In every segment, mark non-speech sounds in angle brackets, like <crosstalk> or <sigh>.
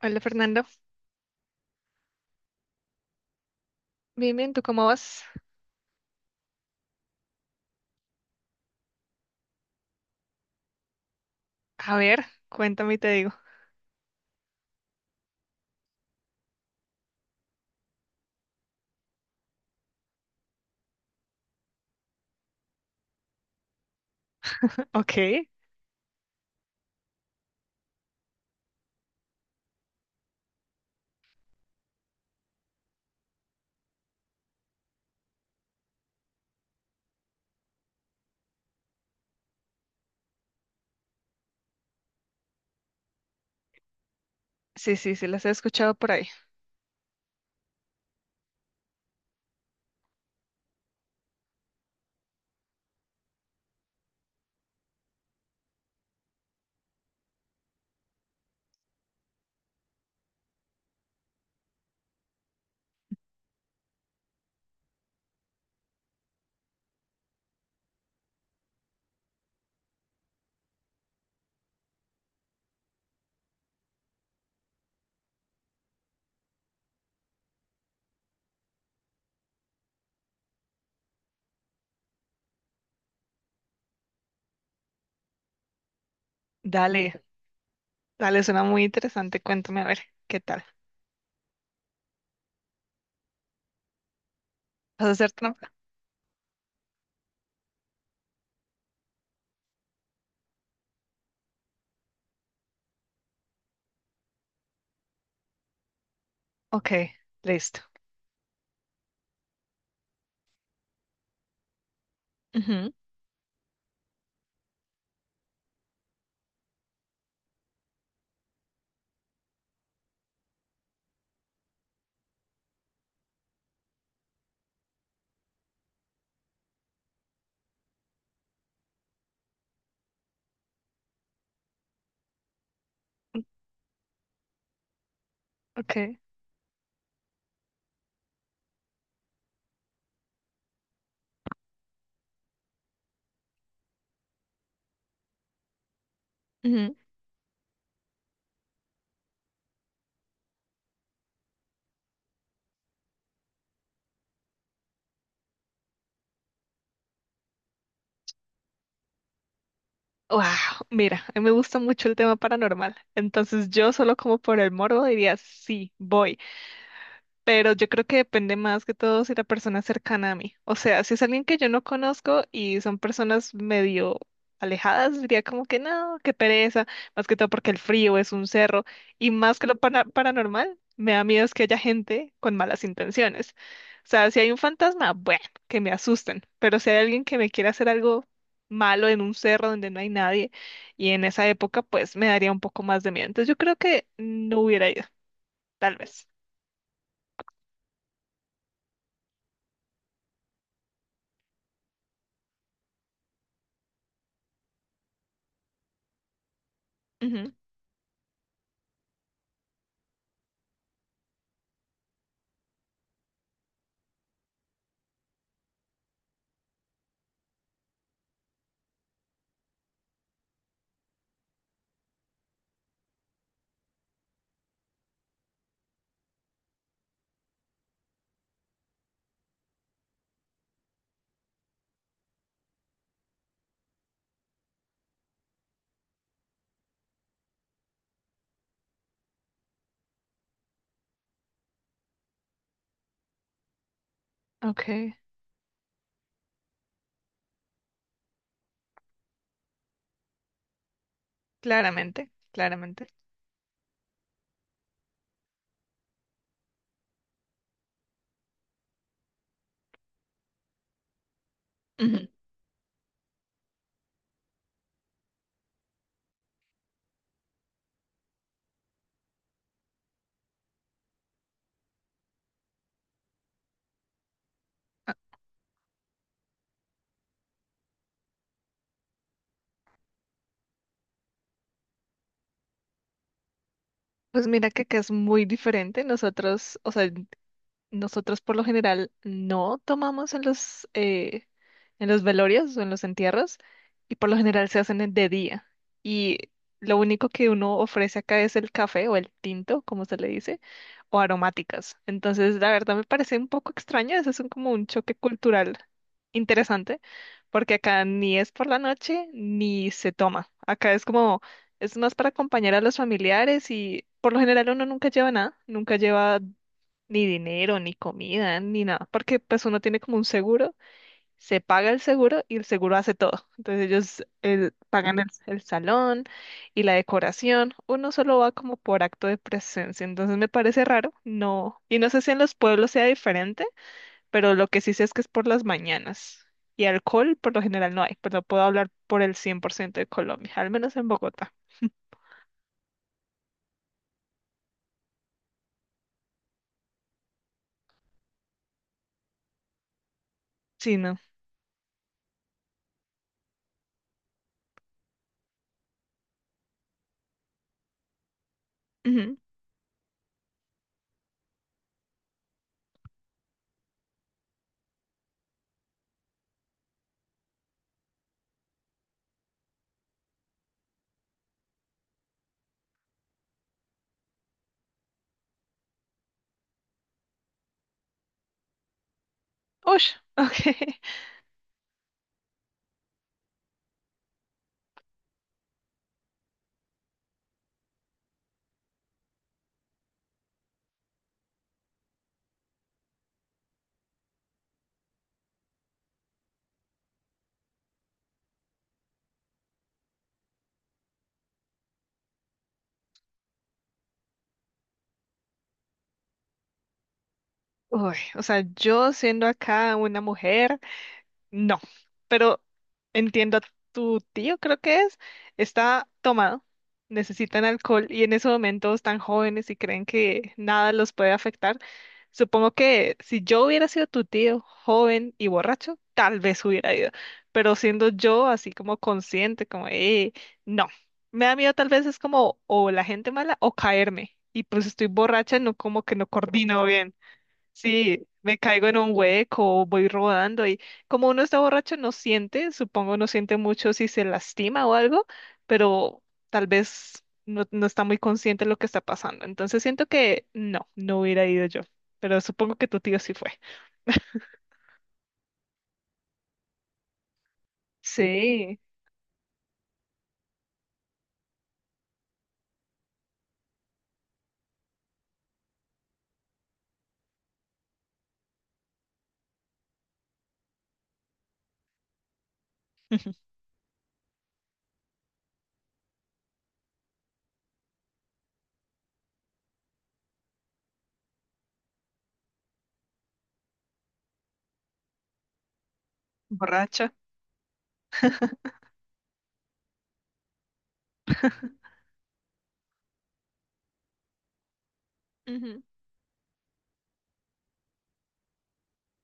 Hola Fernando, bien, ¿tú cómo vas? A ver, cuéntame y te digo. <laughs> Ok, sí, las he escuchado por ahí. Dale, dale, suena muy interesante, cuéntame a ver, ¿qué tal? ¿Vas a hacer trampa? Ok, listo. Ujú. Ok. Ujú. Wow, mira, a mí me gusta mucho el tema paranormal, entonces yo solo como por el morbo diría, sí, voy. Pero yo creo que depende más que todo si la persona es cercana a mí. O sea, si es alguien que yo no conozco y son personas medio alejadas, diría como que no, qué pereza, más que todo porque el frío es un cerro y más que lo paranormal, me da miedo es que haya gente con malas intenciones. O sea, si hay un fantasma, bueno, que me asusten, pero si hay alguien que me quiera hacer algo malo en un cerro donde no hay nadie y en esa época, pues me daría un poco más de miedo. Entonces yo creo que no hubiera ido, tal vez. Ujú. Ok. Claramente. Ujú. Pues mira que acá es muy diferente. Nosotros, o sea, nosotros por lo general no tomamos en en los velorios o en los entierros y por lo general se hacen de día. Y lo único que uno ofrece acá es el café o el tinto, como se le dice, o aromáticas. Entonces, la verdad me parece un poco extraño, eso es como un choque cultural interesante, porque acá ni es por la noche ni se toma. Acá es como, es más para acompañar a los familiares y por lo general uno nunca lleva nada, nunca lleva ni dinero, ni comida, ni nada, porque pues uno tiene como un seguro, se paga el seguro y el seguro hace todo. Entonces ellos pagan el salón y la decoración, uno solo va como por acto de presencia, entonces me parece raro, no, y no sé si en los pueblos sea diferente, pero lo que sí sé es que es por las mañanas. Y alcohol por lo general no hay, pero puedo hablar por el 100% de Colombia, al menos en Bogotá. Sí, no. Ujú. Ush, ok. <laughs> Uy, o sea, yo siendo acá una mujer, no, pero entiendo a tu tío, creo que es, está tomado, necesitan alcohol y en ese momento están jóvenes y creen que nada los puede afectar. Supongo que si yo hubiera sido tu tío, joven y borracho, tal vez hubiera ido, pero siendo yo así como consciente, como, no, me da miedo tal vez es como o la gente mala o caerme y pues estoy borracha, no como que no coordino bien. Sí, me caigo en un hueco, voy rodando y como uno está borracho no siente, supongo no siente mucho si se lastima o algo, pero tal vez no está muy consciente de lo que está pasando. Entonces siento que no, no hubiera ido yo, pero supongo que tu tío sí fue. Sí, borracha. <laughs> Ujú.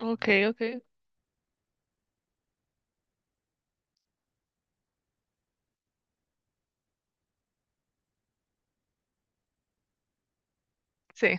Ok, sí.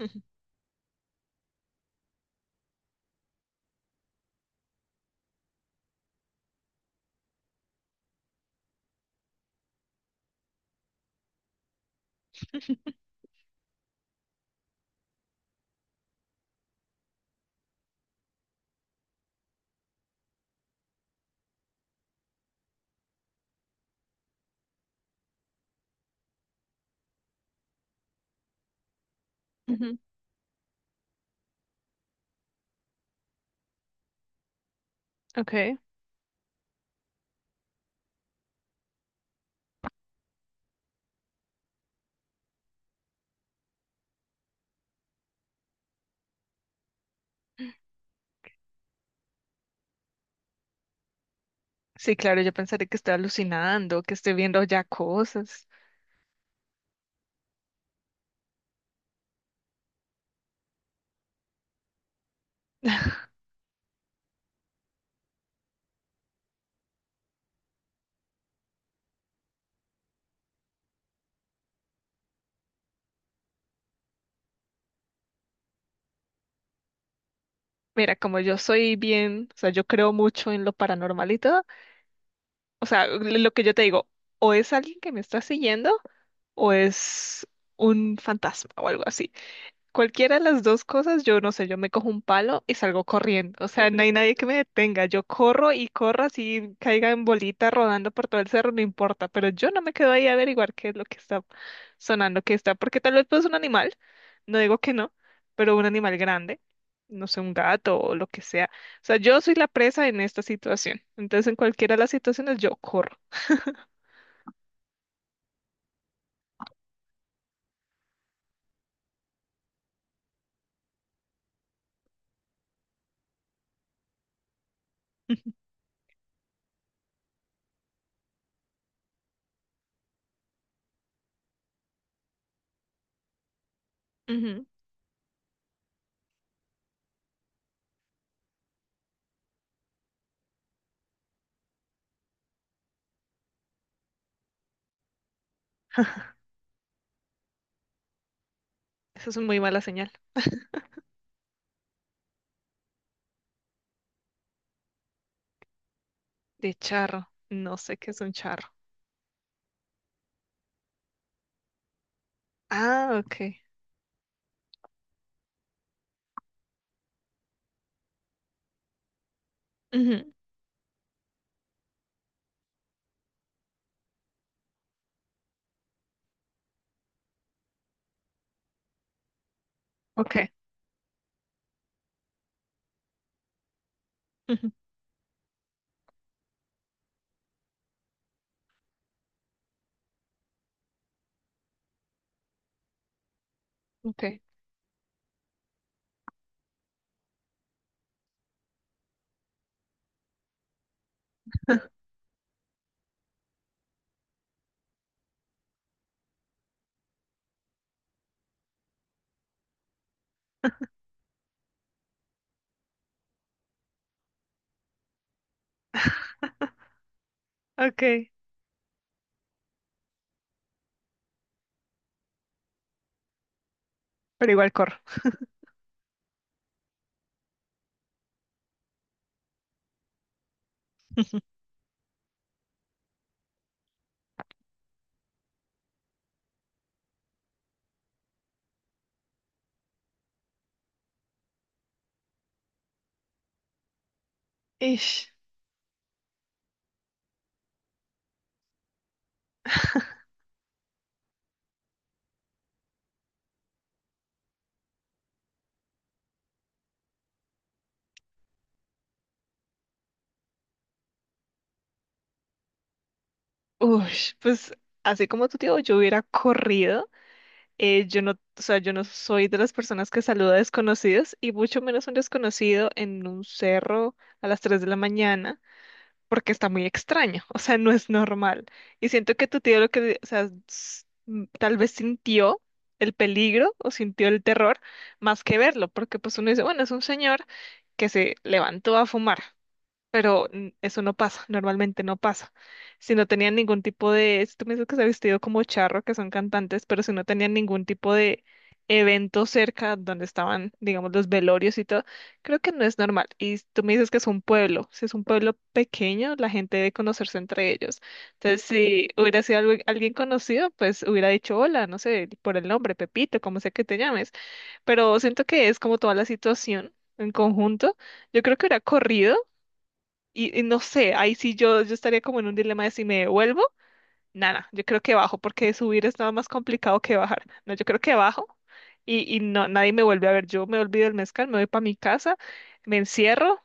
Ujú. Ujú. Ok. Sí, claro, yo pensaré que estoy alucinando, que estoy viendo ya cosas. Mira, como yo soy bien, o sea, yo creo mucho en lo paranormal y todo, o sea, lo que yo te digo, o es alguien que me está siguiendo o es un fantasma o algo así. Cualquiera de las dos cosas, yo no sé, yo me cojo un palo y salgo corriendo. O sea, no hay nadie que me detenga. Yo corro y corro así, caiga en bolita rodando por todo el cerro, no importa. Pero yo no me quedo ahí a averiguar qué es lo que está sonando, qué está. Porque tal vez pues un animal, no digo que no, pero un animal grande, no sé, un gato o lo que sea. O sea, yo soy la presa en esta situación. Entonces, en cualquiera de las situaciones, yo corro. <laughs> Ujú. Eso es una muy mala señal. De charro. No sé qué es un charro. Ah, ok. Ujú. Okay. Ujú. Okay. <laughs> Okay, pero igual corro. <laughs> Ish, ush, pues así como tu tío, yo hubiera corrido. Yo no, o sea, yo no soy de las personas que saluda a desconocidos y mucho menos un desconocido en un cerro a las 3 de la mañana porque está muy extraño, o sea, no es normal. Y siento que tu tío lo que, o sea, tal vez sintió el peligro o sintió el terror más que verlo, porque pues uno dice, bueno, es un señor que se levantó a fumar. Pero eso no pasa, normalmente no pasa. Si no tenían ningún tipo de, si tú me dices que se ha vestido como charro, que son cantantes, pero si no tenían ningún tipo de evento cerca donde estaban, digamos, los velorios y todo, creo que no es normal. Y tú me dices que es un pueblo, si es un pueblo pequeño, la gente debe conocerse entre ellos. Entonces, si hubiera sido alguien conocido, pues hubiera dicho hola, no sé, por el nombre, Pepito, como sea que te llames, pero siento que es como toda la situación en conjunto. Yo creo que hubiera corrido y no sé, ahí sí yo estaría como en un dilema de si me devuelvo. Nada, yo creo que bajo, porque subir es nada más complicado que bajar. No, yo creo que bajo y no, nadie me vuelve a ver. Yo me olvido del mezcal, me voy para mi casa, me encierro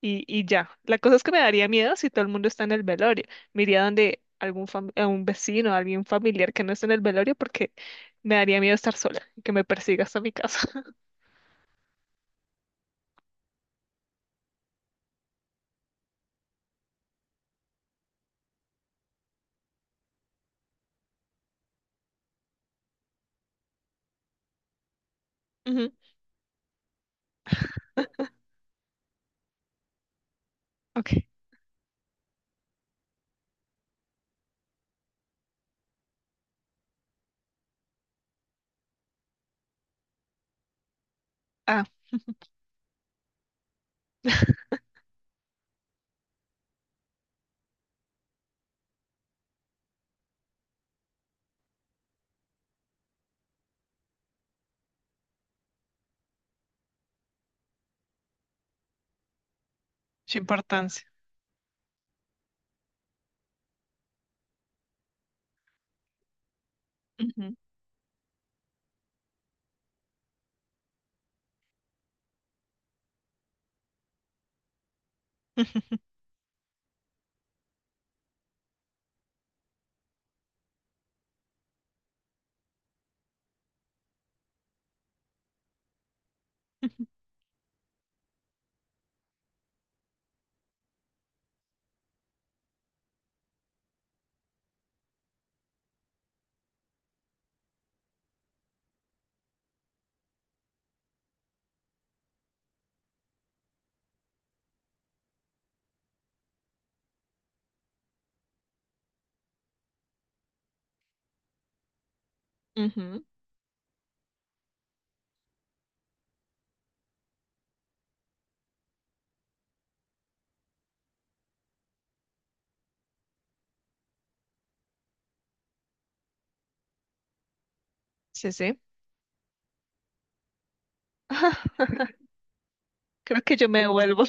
y ya. La cosa es que me daría miedo si todo el mundo está en el velorio. Me iría donde algún a un vecino, alguien familiar que no esté en el velorio, porque me daría miedo estar sola y que me persiga hasta mi casa. <laughs> Ujú. Ok. Ah, su importancia. Ujú, ujú, sí, sí. <laughs> Creo que yo me devuelvo.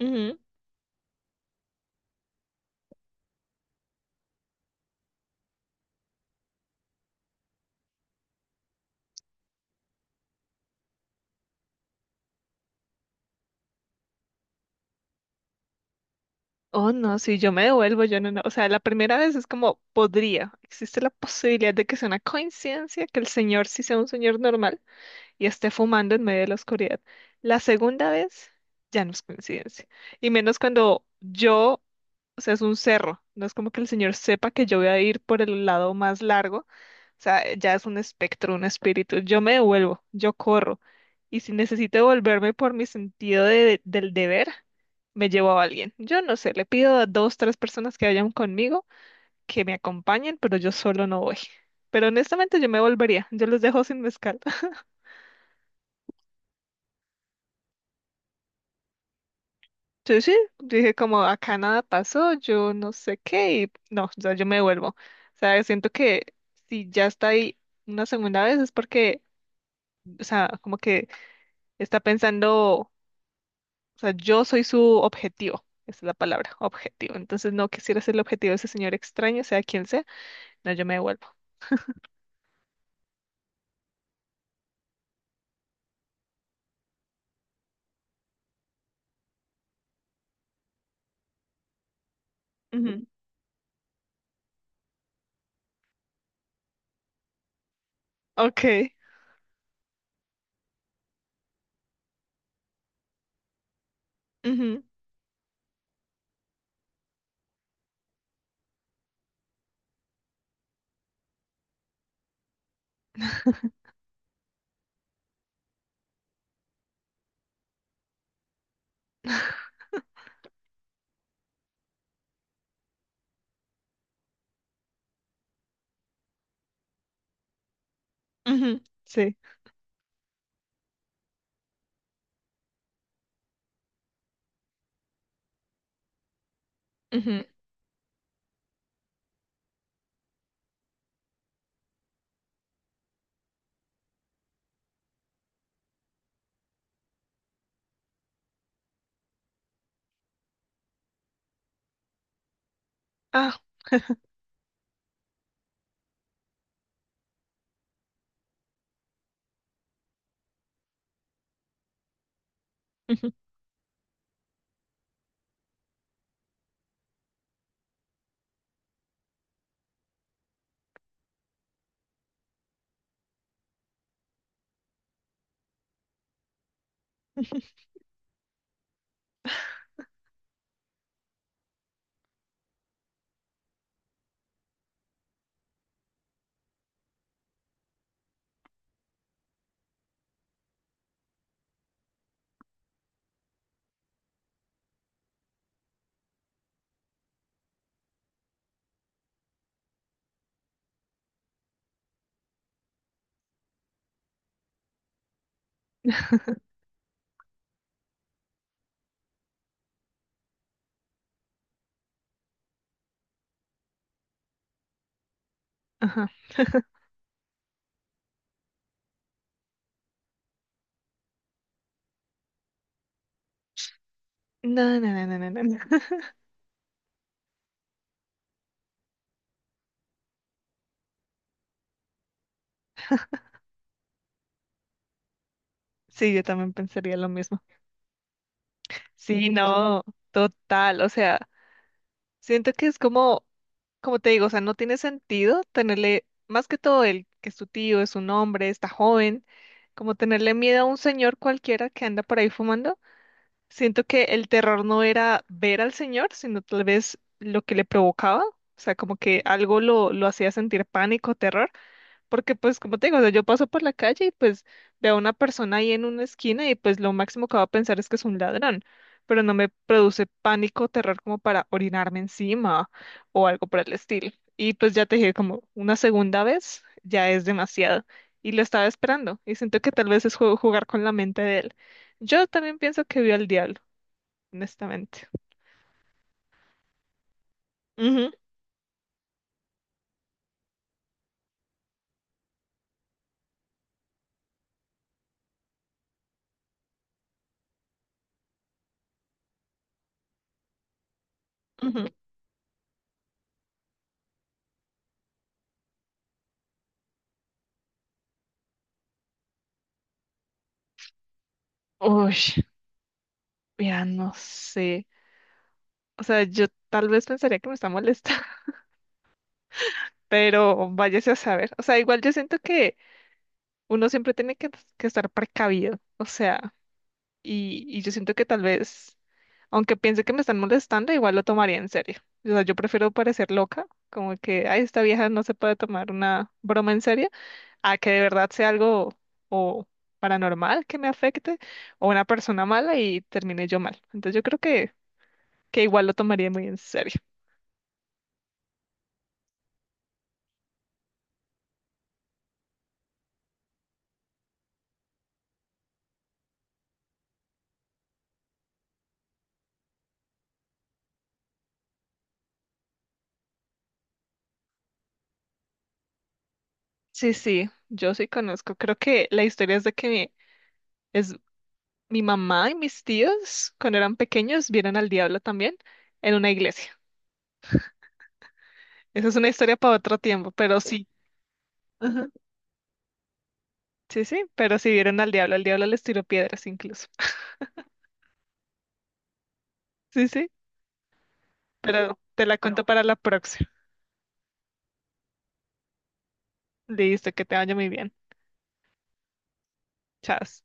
Ujú. Oh, no, si yo me devuelvo, yo no, no. O sea, la primera vez es como podría. Existe la posibilidad de que sea una coincidencia, que el señor sí sea un señor normal y esté fumando en medio de la oscuridad. La segunda vez ya no es coincidencia. Y menos cuando yo, o sea, es un cerro. No es como que el Señor sepa que yo voy a ir por el lado más largo. O sea, ya es un espectro, un espíritu. Yo me devuelvo, yo corro. Y si necesito devolverme por mi sentido del deber, me llevo a alguien. Yo no sé, le pido a dos, tres personas que vayan conmigo, que me acompañen, pero yo solo no voy. Pero honestamente yo me volvería, yo los dejo sin mezcal. <laughs> Sí, sí, dije como acá nada pasó, yo no sé qué, y no, o sea, yo me devuelvo. O sea, siento que si ya está ahí una segunda vez es porque, o sea, como que está pensando, o sea, yo soy su objetivo, esa es la palabra, objetivo. Entonces no quisiera ser el objetivo de ese señor extraño, sea quien sea, no, yo me devuelvo. Ujú. Ok, ujú, ujú, sí, ujú, ah, ujú. <laughs> Ajá. <laughs> No, no, no, no, no, no, no. <laughs> Sí, yo también pensaría lo mismo. Sí, no, total. O sea, siento que es como, como te digo, o sea, no tiene sentido tenerle, más que todo el que es tu tío, es un hombre, está joven, como tenerle miedo a un señor cualquiera que anda por ahí fumando. Siento que el terror no era ver al señor, sino tal vez lo que le provocaba. O sea, como que algo lo hacía sentir pánico, terror. Porque pues como te digo, o sea, yo paso por la calle y pues veo a una persona ahí en una esquina y pues lo máximo que va a pensar es que es un ladrón, pero no me produce pánico o terror como para orinarme encima o algo por el estilo. Y pues ya te dije, como una segunda vez ya es demasiado y lo estaba esperando y siento que tal vez es jugar con la mente de él. Yo también pienso que vio al diablo, honestamente. Ujú, ujú. Uy, mira, no sé. O sea, yo tal vez pensaría que me está molestando. Pero váyase a saber. O sea, igual yo siento que uno siempre tiene que estar precavido, o sea, y yo siento que tal vez, aunque piense que me están molestando, igual lo tomaría en serio. O sea, yo prefiero parecer loca, como que, ay, esta vieja no se puede tomar una broma en serio, a que de verdad sea algo o paranormal que me afecte, o una persona mala y termine yo mal. Entonces yo creo que igual lo tomaría muy en serio. Sí, sí, yo sí conozco. Creo que la historia es de que es mi mamá y mis tíos, cuando eran pequeños, vieron al diablo también en una iglesia. Esa es una historia para otro tiempo, pero sí. Ajá. Sí, sí, pero sí vieron al diablo. El diablo les tiró piedras incluso. <laughs> Sí, sí, pero te la cuento para la próxima. Listo, que te vaya muy bien. Chao.